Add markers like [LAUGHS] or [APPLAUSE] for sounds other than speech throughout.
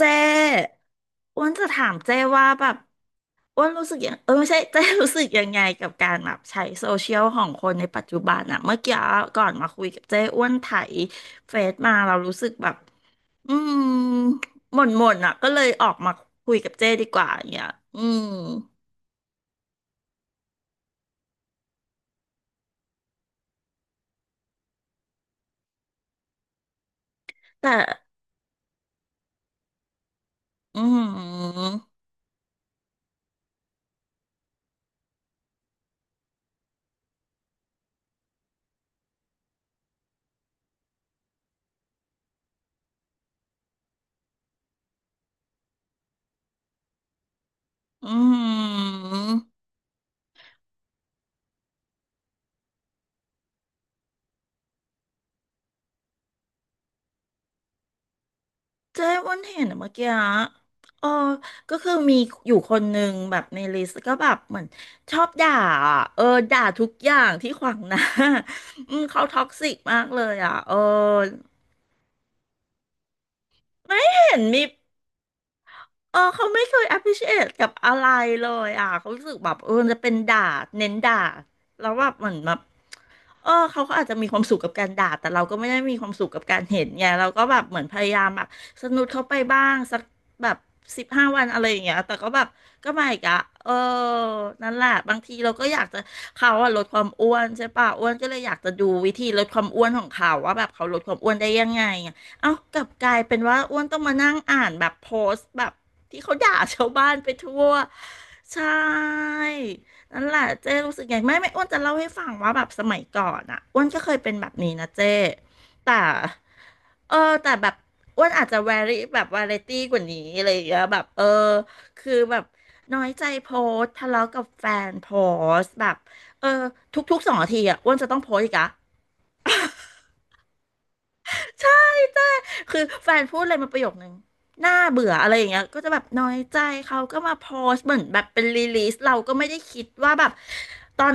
เจ้อ้วนจะถามเจ้ว่าแบบอ้วนรู้สึกยังไม่ใช่เจ้รู้สึกยังไงกับการแบบใช้โซเชียลของคนในปัจจุบันอะเมื่อกี้ก่อนมาคุยกับเจ้อ้วนไถเฟซมาเรารู้สึกแบบอืมหม่นหม่นอะก็เลยออกมาคุยกับเจ้ดีกว่าอย่างเงี้ยอืมแต่อืมอืม เจ๊อ้วันเห็นอะเมื่อกี้อะเออก็คือมีอยู่คนหนึ่งแบบในลิสต์ก็แบบเหมือนชอบด่าอะเออ ด่าทุกอย่างที่ขวางหน้า [LAUGHS] อืมเขาท็อกซิกมากเลยอ่ะเออไม่เห็นมี เออเขาไม่เคย appreciate กับอะไรเลยอ่ะเขารู้สึกแบบเออจะเป็นด่าเน้นด่าแล้วแบบเหมือนแบบเออเขาก็อาจจะมีความสุขกับการด่าแต่เราก็ไม่ได้มีความสุขกับการเห็นไงเราก็แบบเหมือนพยายามแบบสนุดเขาไปบ้างสักแบบ15 วันอะไรอย่างเงี้ยแต่ก็แบบก็ไม่อีกอะเออนั่นแหละบางทีเราก็อยากจะเขาอะลดความอ้วนใช่ป่ะอ้วนก็เลยอยากจะดูวิธีลดความอ้วนของเขาว่าแบบเขาลดความอ้วนได้ยังไงอะเอากลับกลายเป็นว่าอ้วนต้องมานั่งอ่านแบบโพสต์แบบ ที่เขาด่าชาวบ้านไปทั่วใช่นั่นแหละเจ้รู้สึกไงไม่อ้วนจะเล่าให้ฟังว่าแบบสมัยก่อนอ่ะอ้วนก็เคยเป็นแบบนี้นะเจ้แต่เออแต่แบบอ้วนอาจจะแวรี่แบบวาไรตี้กว่านี้อะไรอย่างเงี้ยแบบเออคือแบบน้อยใจโพสต์ทะเลาะกับแฟนโพสต์แบบเออทุกๆ2 นาทีอ่ะอ้วนจะต้องโพสต์อีกอะ คือแฟนพูดอะไรมาประโยคนึงน่าเบื่ออะไรอย่างเงี้ยก็จะแบบน้อยใจเขาก็มาโพสต์เหมือนแบบเป็นรีลีสเราก็ไม่ได้คิดว่าแบบตอน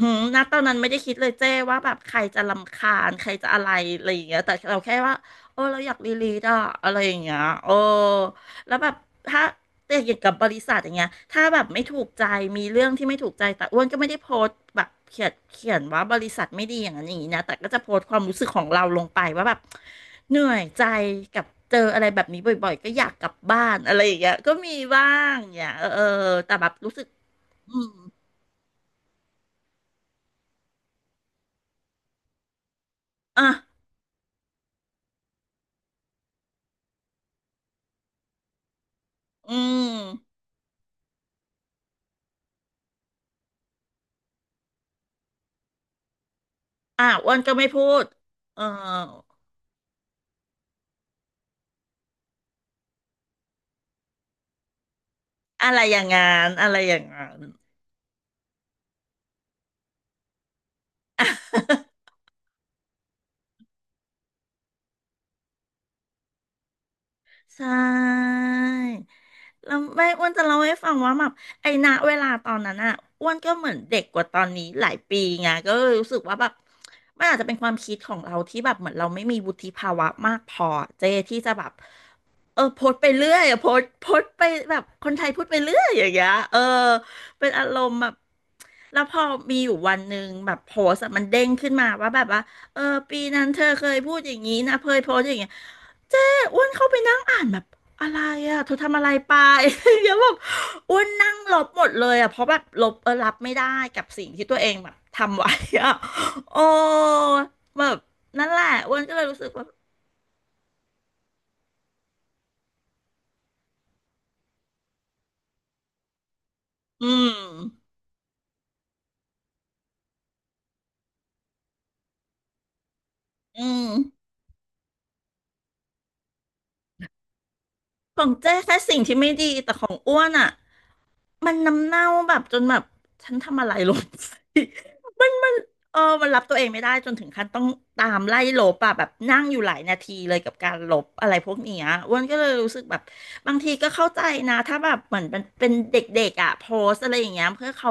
นะตอนนั้นไม่ได้คิดเลยเจ้ว่าแบบใครจะรำคาญใครจะอะไรอะไรอย่างเงี้ยแต่เราแค่ว่าโอ้เราอยากรีลีสอะอะไรอย่างเงี้ยโอ้แล้วแบบถ้า แต่อย่างกับบริษัทอย่างเงี้ยถ้าแบบไม่ถูกใจ มีเรื่องที่ไม่ถูกใจ แต่อ้วนก็ไม่ได้โพสต์แบบเขียนว่าบริษัทไม่ดีอย่างนั้นอย่างนี้นะแต่ก็จะโพสต์ความรู้สึกของเราลงไปว่าแบบเหนื่อยใจกับเจออะไรแบบนี้บ่อยๆก็อยากกลับบ้านอะไรอย่างเงี้ยก็มีบ้างอย่างเงี้ยเออเออแต่แบบรู้สึกอืมอ่ะ อืม อ่ะอ้วนก็ไม่พูดเอออะไรอย่างงานอะไรอย่างงาน ใช่แล้วแม่อ้วนจะเล่าให้ฟังว่าแบบไอ้ณเวลาตอนนั้นอ่ะอ้วนก็เหมือนเด็กกว่าตอนนี้หลายปีไงก็เลยรู้สึกว่าแบบมันอาจจะเป็นความคิดของเราที่แบบเหมือนเราไม่มีวุฒิภาวะมากพอเจที่จะแบบเออโพสต์ไปเรื่อยอะโพสต์ไปแบบคนไทยพูดไปเรื่อยอย่างเงี้ยเออเป็นอารมณ์แบบแล้วพอมีอยู่วันหนึ่งแบบโพสต์อะมันเด้งขึ้นมาว่าแบบว่าเออปีนั้นเธอเคยพูดอย่างนี้นะเคยโพสต์อย่างเงี้ย เจ๊อ้วนเข้าไปนั่งอ่านแบบอะไรอ่ะเธอทำอะไรไป [LAUGHS] เดี๋ยวแบบอ้วนนั่งลบหมดเลยอ่ะเพราะแบบลบเออรับไม่ได้กับสิ่งที่ตัวเองแบบทำไว้อ่ะ [LAUGHS] โอ้แบบนั่นแหละอ้วนก็เลยรู้สึกว่าอืมอืมของเจ๊แค่สิ่งที่ไม่ดีแต่ของอ้วนอ่ะมันน้ำเน่าแบบจนแบบฉันทำอะไรลงไป เออ มันรับตัวเองไม่ได้จนถึงขั้นต้องตามไล่ลบอะแบบนั่งอยู่หลายนาทีเลยกับการลบอะไรพวกเนี้ยอ้วนก็เลยรู้สึกแบบบางทีก็เข้าใจนะถ้าแบบเหมือนมันเป็นเด็กๆอะโพสอะไรอย่างเงี้ยเพื่อเขา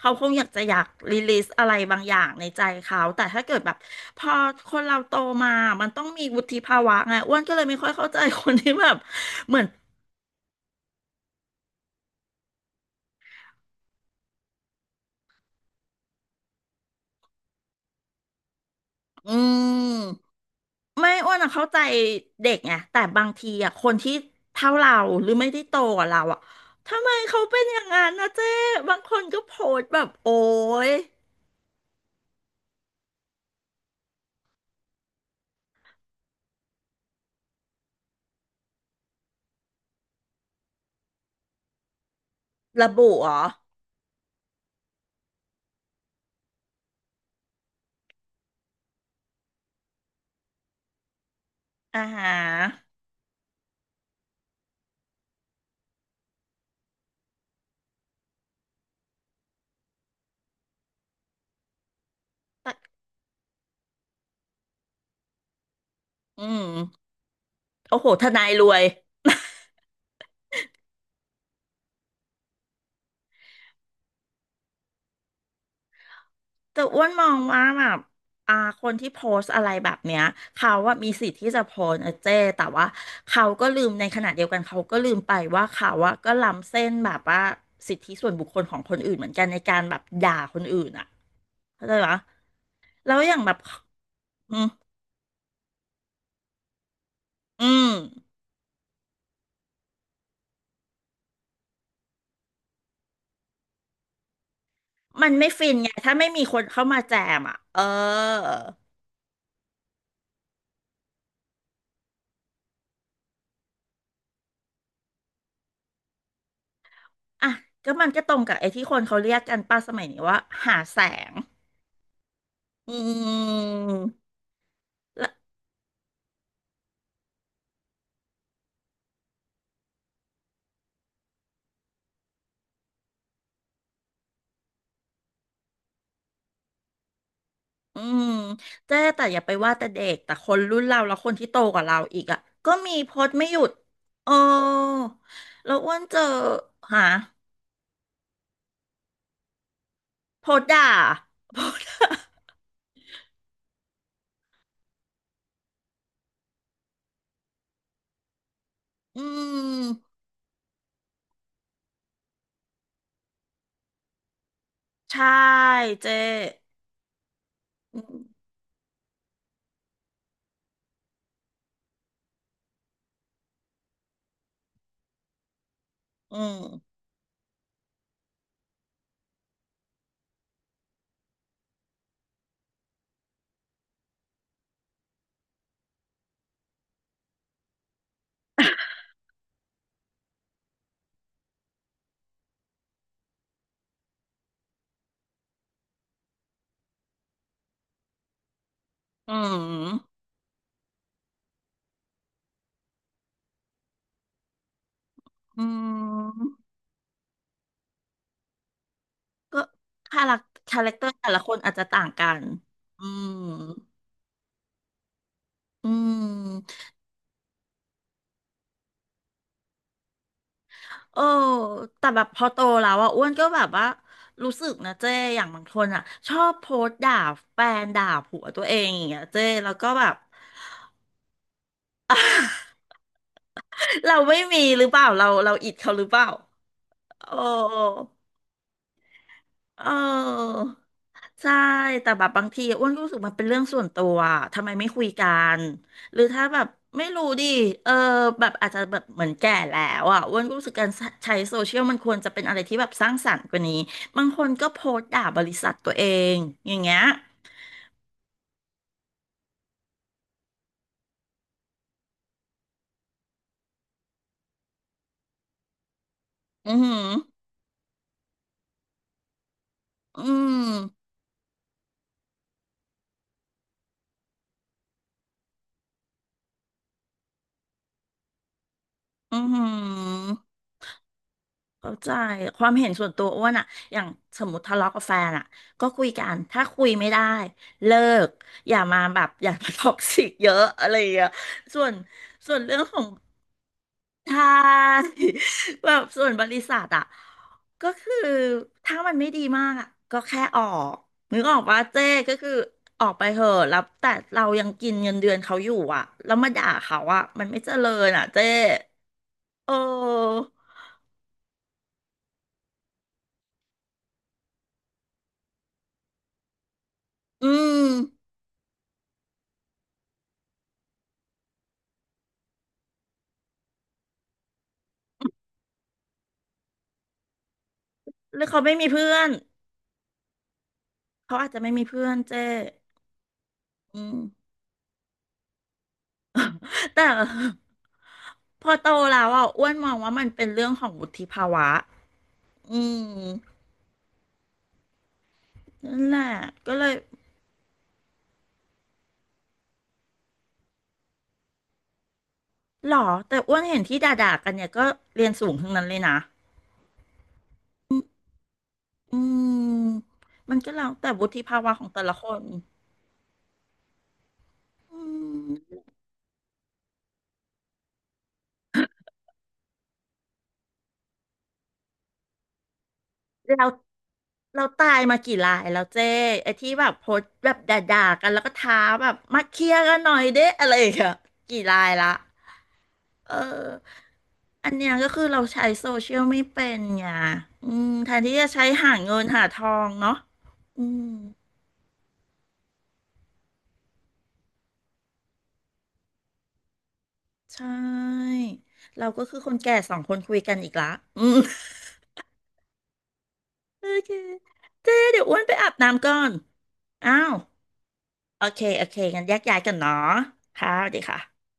เขาคงอยากจะอยากรีลีสอะไรบางอย่างในใจเขาแต่ถ้าเกิดแบบพอคนเราโตมา มันต้องมีวุฒิภาวะไงอ้วนก็เลยไม่ค่อยเข้าใจคนที่แบบเหมือน อืมไม่อ้วนอะเข้าใจเด็กไงแต่บางทีอะคนที่เท่าเราหรือไม่ได้โตกว่าเราอะทำไมเขาเป็นอย่างนั้นนะเจ๊บางคนก็โพสต์แบบโอ๊ยระบุเหรออ่าฮะแต่อืมโอ้โหทนายรวย แต่อ้วนมองว่าแบบอ่าคนที่โพสต์อะไรแบบเนี้ยเขาว่ามีสิทธิ์ที่จะโพสต์นะเจ้แต่ว่าเขาก็ลืมในขณะเดียวกันเขาก็ลืมไปว่าเขาอะก็ล้ำเส้นแบบว่าสิทธิส่วนบุคคลของคนอื่นเหมือนกันในการแบบด่าคนอื่นอ่ะเข้าใจปะแล้วอย่างแบบอืมอืมมันไม่ฟินไงถ้าไม่มีคนเข้ามาแจมอ่ะเอออ่ะก็มันก็ตรงกับไอ้ที่คนเขาเรียกกันป้าสมัยนี้ว่าหาแสงอืม อืมเจ๊แต่อย่าไปว่าแต่เด็กแต่คนรุ่นเราแล้วคนที่โตกว่าเราอีกอ่ะก็มีโพสต์ไม่หยุดเออแล้วอ้วนเจอหาโพสต์ด่าโพสต์ด่าอืมใช่เจ๊อืมอืมอืมอืมก็คาแรคคาแรคเตอร์แต่ละคนอาจจะต่างกันอืมอืม เออแต่แบบพอโตแล้วอ่ะอ้วนก็แบบว่ารู้สึกนะเจ้อย่างบางคนอ่ะชอบโพสต์ด่าแฟนด่าผัวตัวเองอย่างเงี้ยเจ้แล้วก็แบบ [LAUGHS] เราไม่มีหรือเปล่าเราอิดเขาหรือเปล่าโอ้ เออใช่แต่แบบบางทีอ้วนก็รู้สึกมันเป็นเรื่องส่วนตัวอะทำไมไม่คุยกันหรือถ้าแบบไม่รู้ดิเออแบบอาจจะแบบเหมือนแก่แล้วอ่ะอ้วนก็รู้สึกการใช้โซเชียลมันควรจะเป็นอะไรที่แบบสร้างสรรค์กว่านี้บางคนก็โพสต์ด่าบริษัทตัวเองอย่างเงี้ยอือหืออืมอือหือ เข้าใจความเห็นส่วนตัวอ้วนอะอย่างสมมติทะเลาะกับแฟนอะก็คุยกันถ้าคุยไม่ได้เลิกอย่ามาแบบอย่ามาท็อกซิกเยอะอะไรอย่างเงี้ยส่วนส่วนเรื่องของ [LAUGHS] ทาย [LAUGHS] แบบส่วนบริษัทอะก็คือถ้ามันไม่ดีมากอะก็แค่ออกนึกออกว่าเจ้ก็คือออกไปเหอะแล้วแต่เรายังกินเงินเดือนเขาอยู่อะแล้วมาด่าเขาอะมันไม่เจริญอะเจ้เอออืมหรือเขาไม่มีเพื่อน เขาอาจจะไม่มีเพื่อนเจ้อืมแต่ [LAUGHS] พอโตแล้วอ่ะอ้วนมองว่ามันเป็นเรื่องของวุฒิภาวะอืมนั่นแหละก็เลยหรอแต่อ้วนเห็นที่ด่าๆกันเนี่ยก็เรียนสูงทั้งนั้นเลยนะอืมอืมมันก็แล้วแต่วุฒิภาวะของแต่ละคนอืมเราเราตายมากี่รายแล้วเจ้ไอ้ที่แบบโพสต์แบบด่าๆกันแล้วก็ท้าแบบมาเคลียร์กันหน่อยเด้อะไรอย่างเงี้ยกี่รายละ เอออันเนี้ยก็คือเราใช้โซเชียลไม่เป็นไงอืมแทนที่จะใช้หาเงินหาทองเนาะอืมใช่เราก็คือคนแก่สองคนคุยกันอีกละอืมโอเคเจ๊เดี๋ยวอ้วนไปอาบน้ำก่อนอ้าวโอเคโอเคงั้นแยกย้ายกันเนาะค่ะสวัสดีค่ะ